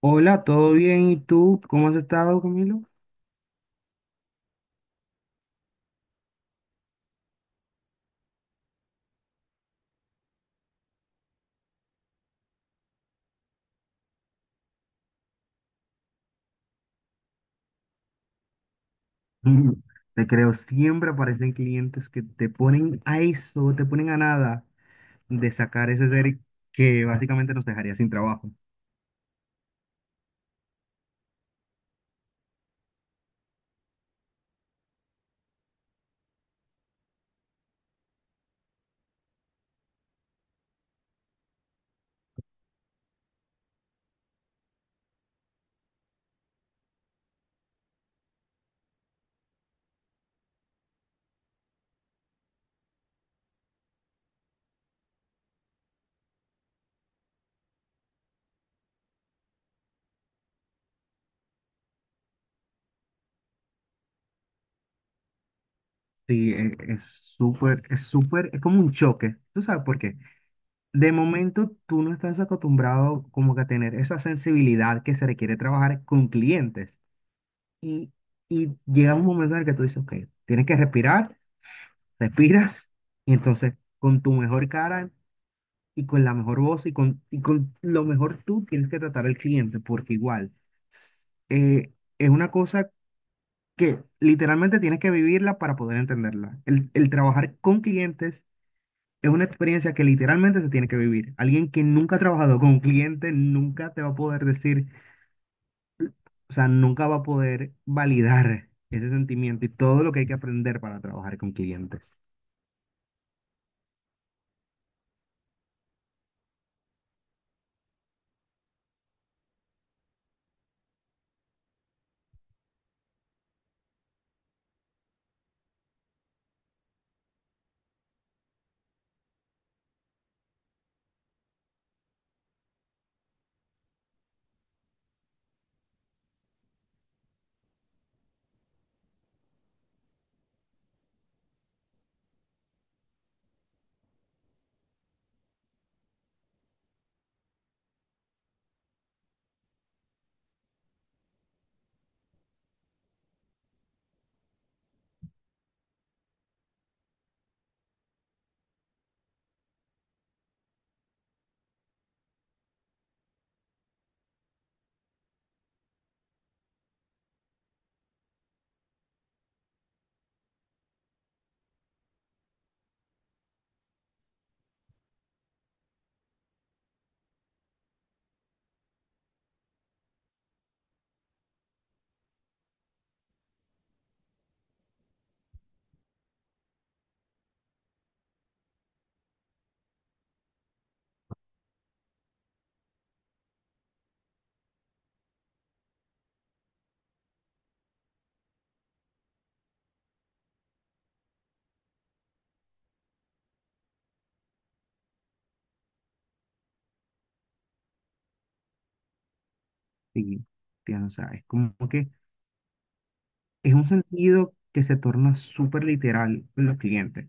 Hola, ¿todo bien? ¿Y tú? ¿Cómo has estado, Camilo? Mm, te creo, siempre aparecen clientes que te ponen a eso, te ponen a nada de sacar ese ser que básicamente nos dejaría sin trabajo. Sí, es súper, es súper, es como un choque. ¿Tú sabes por qué? De momento tú no estás acostumbrado como que a tener esa sensibilidad que se requiere trabajar con clientes. Y, y llega un momento en el que tú dices, ok, tienes que respirar, respiras, y entonces con tu mejor cara y con la mejor voz y y con lo mejor tú tienes que tratar al cliente, porque igual s- eh, es una cosa que literalmente tienes que vivirla para poder entenderla. El trabajar con clientes es una experiencia que literalmente se tiene que vivir. Alguien que nunca ha trabajado con un cliente nunca te va a poder decir, o sea, nunca va a poder validar ese sentimiento y todo lo que hay que aprender para trabajar con clientes. Sí, tienes, o sea, es como que es un sentido que se torna súper literal en los clientes.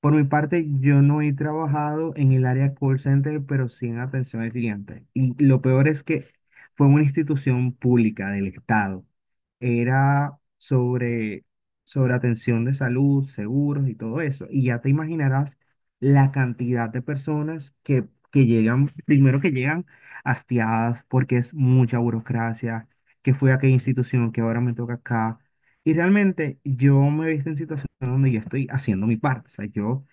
Por mi parte, yo no he trabajado en el área call center, pero sí en atención al cliente. Y lo peor es que fue una institución pública del Estado. Era sobre atención de salud, seguros y todo eso. Y ya te imaginarás la cantidad de personas que llegan, primero que llegan hastiadas porque es mucha burocracia, que fui a aquella institución, que ahora me toca acá y realmente yo me he visto en situaciones donde yo estoy haciendo mi parte. O sea, yo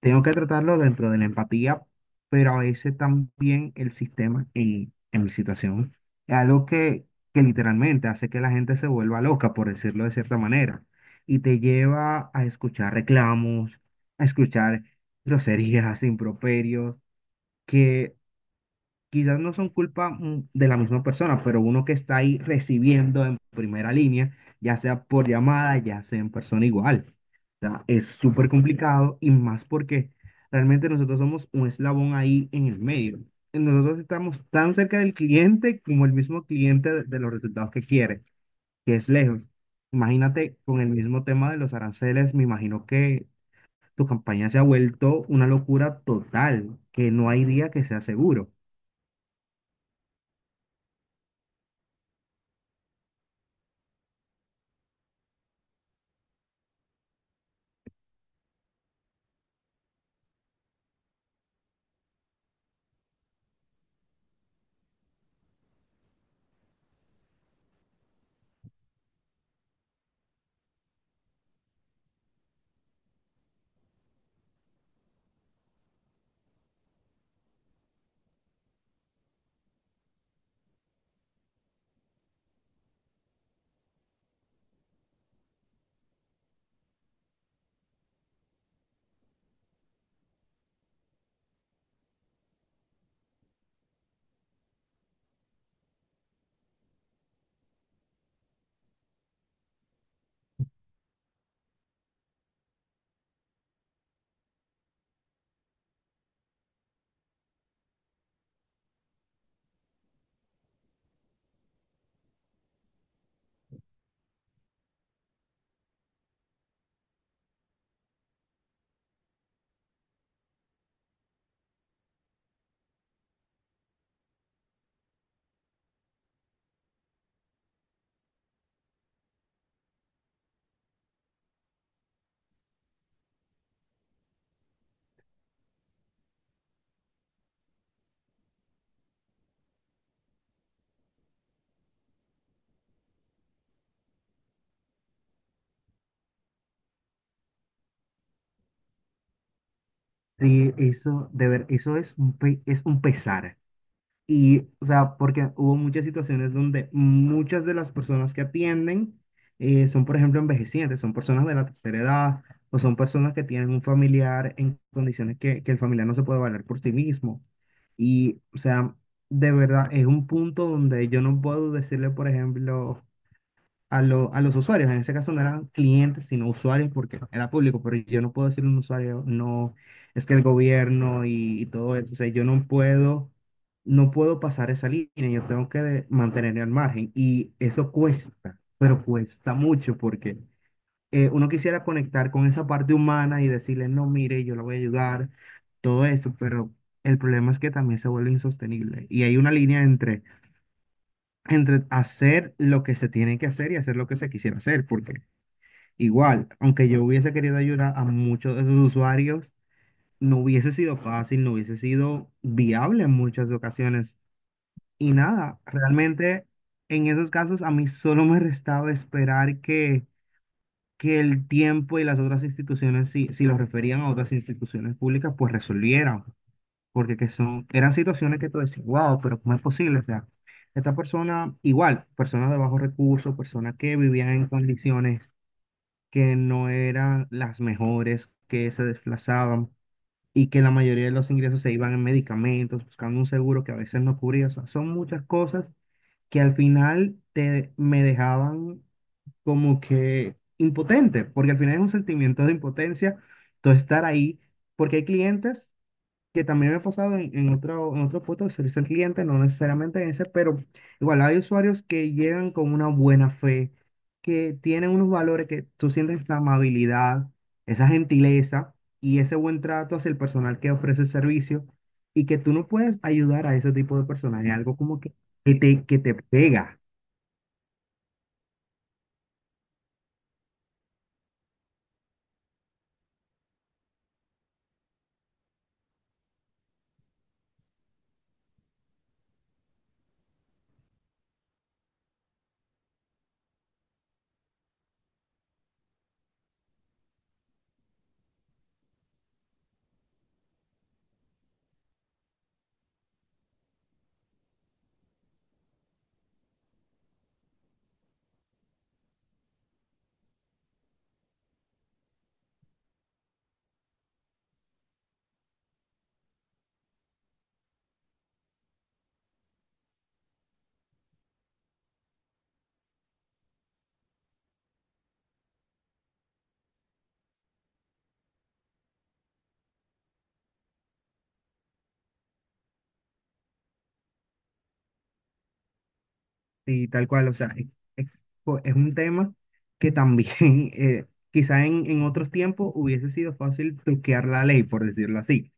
tengo que tratarlo dentro de la empatía, pero a veces también el sistema en mi situación es algo que literalmente hace que la gente se vuelva loca, por decirlo de cierta manera, y te lleva a escuchar reclamos, a escuchar groserías, improperios, que quizás no son culpa de la misma persona, pero uno que está ahí recibiendo en primera línea, ya sea por llamada, ya sea en persona igual. O sea, es súper complicado y más porque realmente nosotros somos un eslabón ahí en el medio. Nosotros estamos tan cerca del cliente como el mismo cliente de los resultados que quiere, que es lejos. Imagínate con el mismo tema de los aranceles, me imagino que tu campaña se ha vuelto una locura total, que no hay día que sea seguro. Sí, eso, de ver, eso es un, es un pesar. Y, o sea, porque hubo muchas situaciones donde muchas de las personas que atienden son, por ejemplo, envejecientes, son personas de la tercera edad o son personas que tienen un familiar en condiciones que el familiar no se puede valer por sí mismo. Y, o sea, de verdad, es un punto donde yo no puedo decirle, por ejemplo, a los usuarios. En ese caso no eran clientes, sino usuarios porque era público, pero yo no puedo decir un usuario, no, es que el gobierno y todo eso, o sea, yo no puedo, no puedo pasar esa línea, yo tengo que mantenerme al margen y eso cuesta, pero cuesta mucho porque uno quisiera conectar con esa parte humana y decirle, no, mire, yo la voy a ayudar, todo esto, pero el problema es que también se vuelve insostenible y hay una línea entre entre hacer lo que se tiene que hacer y hacer lo que se quisiera hacer, porque igual, aunque yo hubiese querido ayudar a muchos de esos usuarios, no hubiese sido fácil, no hubiese sido viable en muchas ocasiones. Y nada, realmente en esos casos a mí solo me restaba esperar que el tiempo y las otras instituciones, si lo referían a otras instituciones públicas, pues resolvieran porque que son, eran situaciones que tú decías, wow, pero ¿cómo es posible? O sea, esta persona, igual, personas de bajos recursos, personas que vivían en condiciones que no eran las mejores, que se desplazaban y que la mayoría de los ingresos se iban en medicamentos, buscando un seguro que a veces no cubría. O sea, son muchas cosas que al final te, me dejaban como que impotente, porque al final es un sentimiento de impotencia, todo estar ahí, porque hay clientes que también me he pasado en otro puesto de servicio al cliente, no necesariamente en ese, pero igual hay usuarios que llegan con una buena fe, que tienen unos valores que tú sientes esa amabilidad, esa gentileza y ese buen trato hacia el personal que ofrece el servicio y que tú no puedes ayudar a ese tipo de personas. Es algo como que te pega y tal cual. O sea, es, es- es un tema que también eh, quizá en otros tiempos hubiese sido fácil truquear la ley, por decirlo así.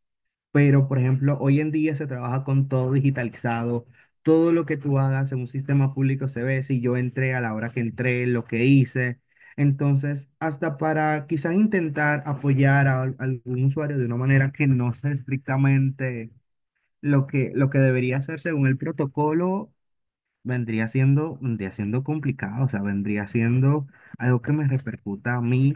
Pero, por ejemplo, hoy en día se trabaja con todo digitalizado. Todo lo que tú hagas en un sistema público se ve si yo entré a la hora que entré, lo que hice. Entonces, hasta para quizás intentar apoyar algún usuario de una manera que no sea estrictamente lo lo que debería hacer según el protocolo, vendría siendo complicado. O sea, vendría siendo algo que me repercuta a mí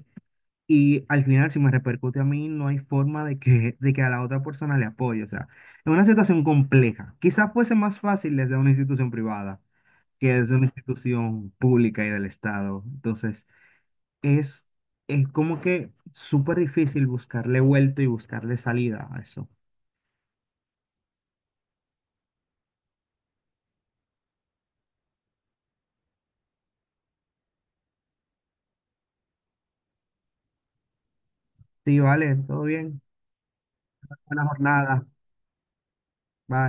y al final, si me repercute a mí, no hay forma de de que a la otra persona le apoye. O sea, es una situación compleja. Quizás fuese más fácil desde una institución privada que desde una institución pública y del Estado. Entonces, es, es como que súper difícil buscarle vuelto y buscarle salida a eso. Sí, vale, todo bien. Buena jornada. Bye.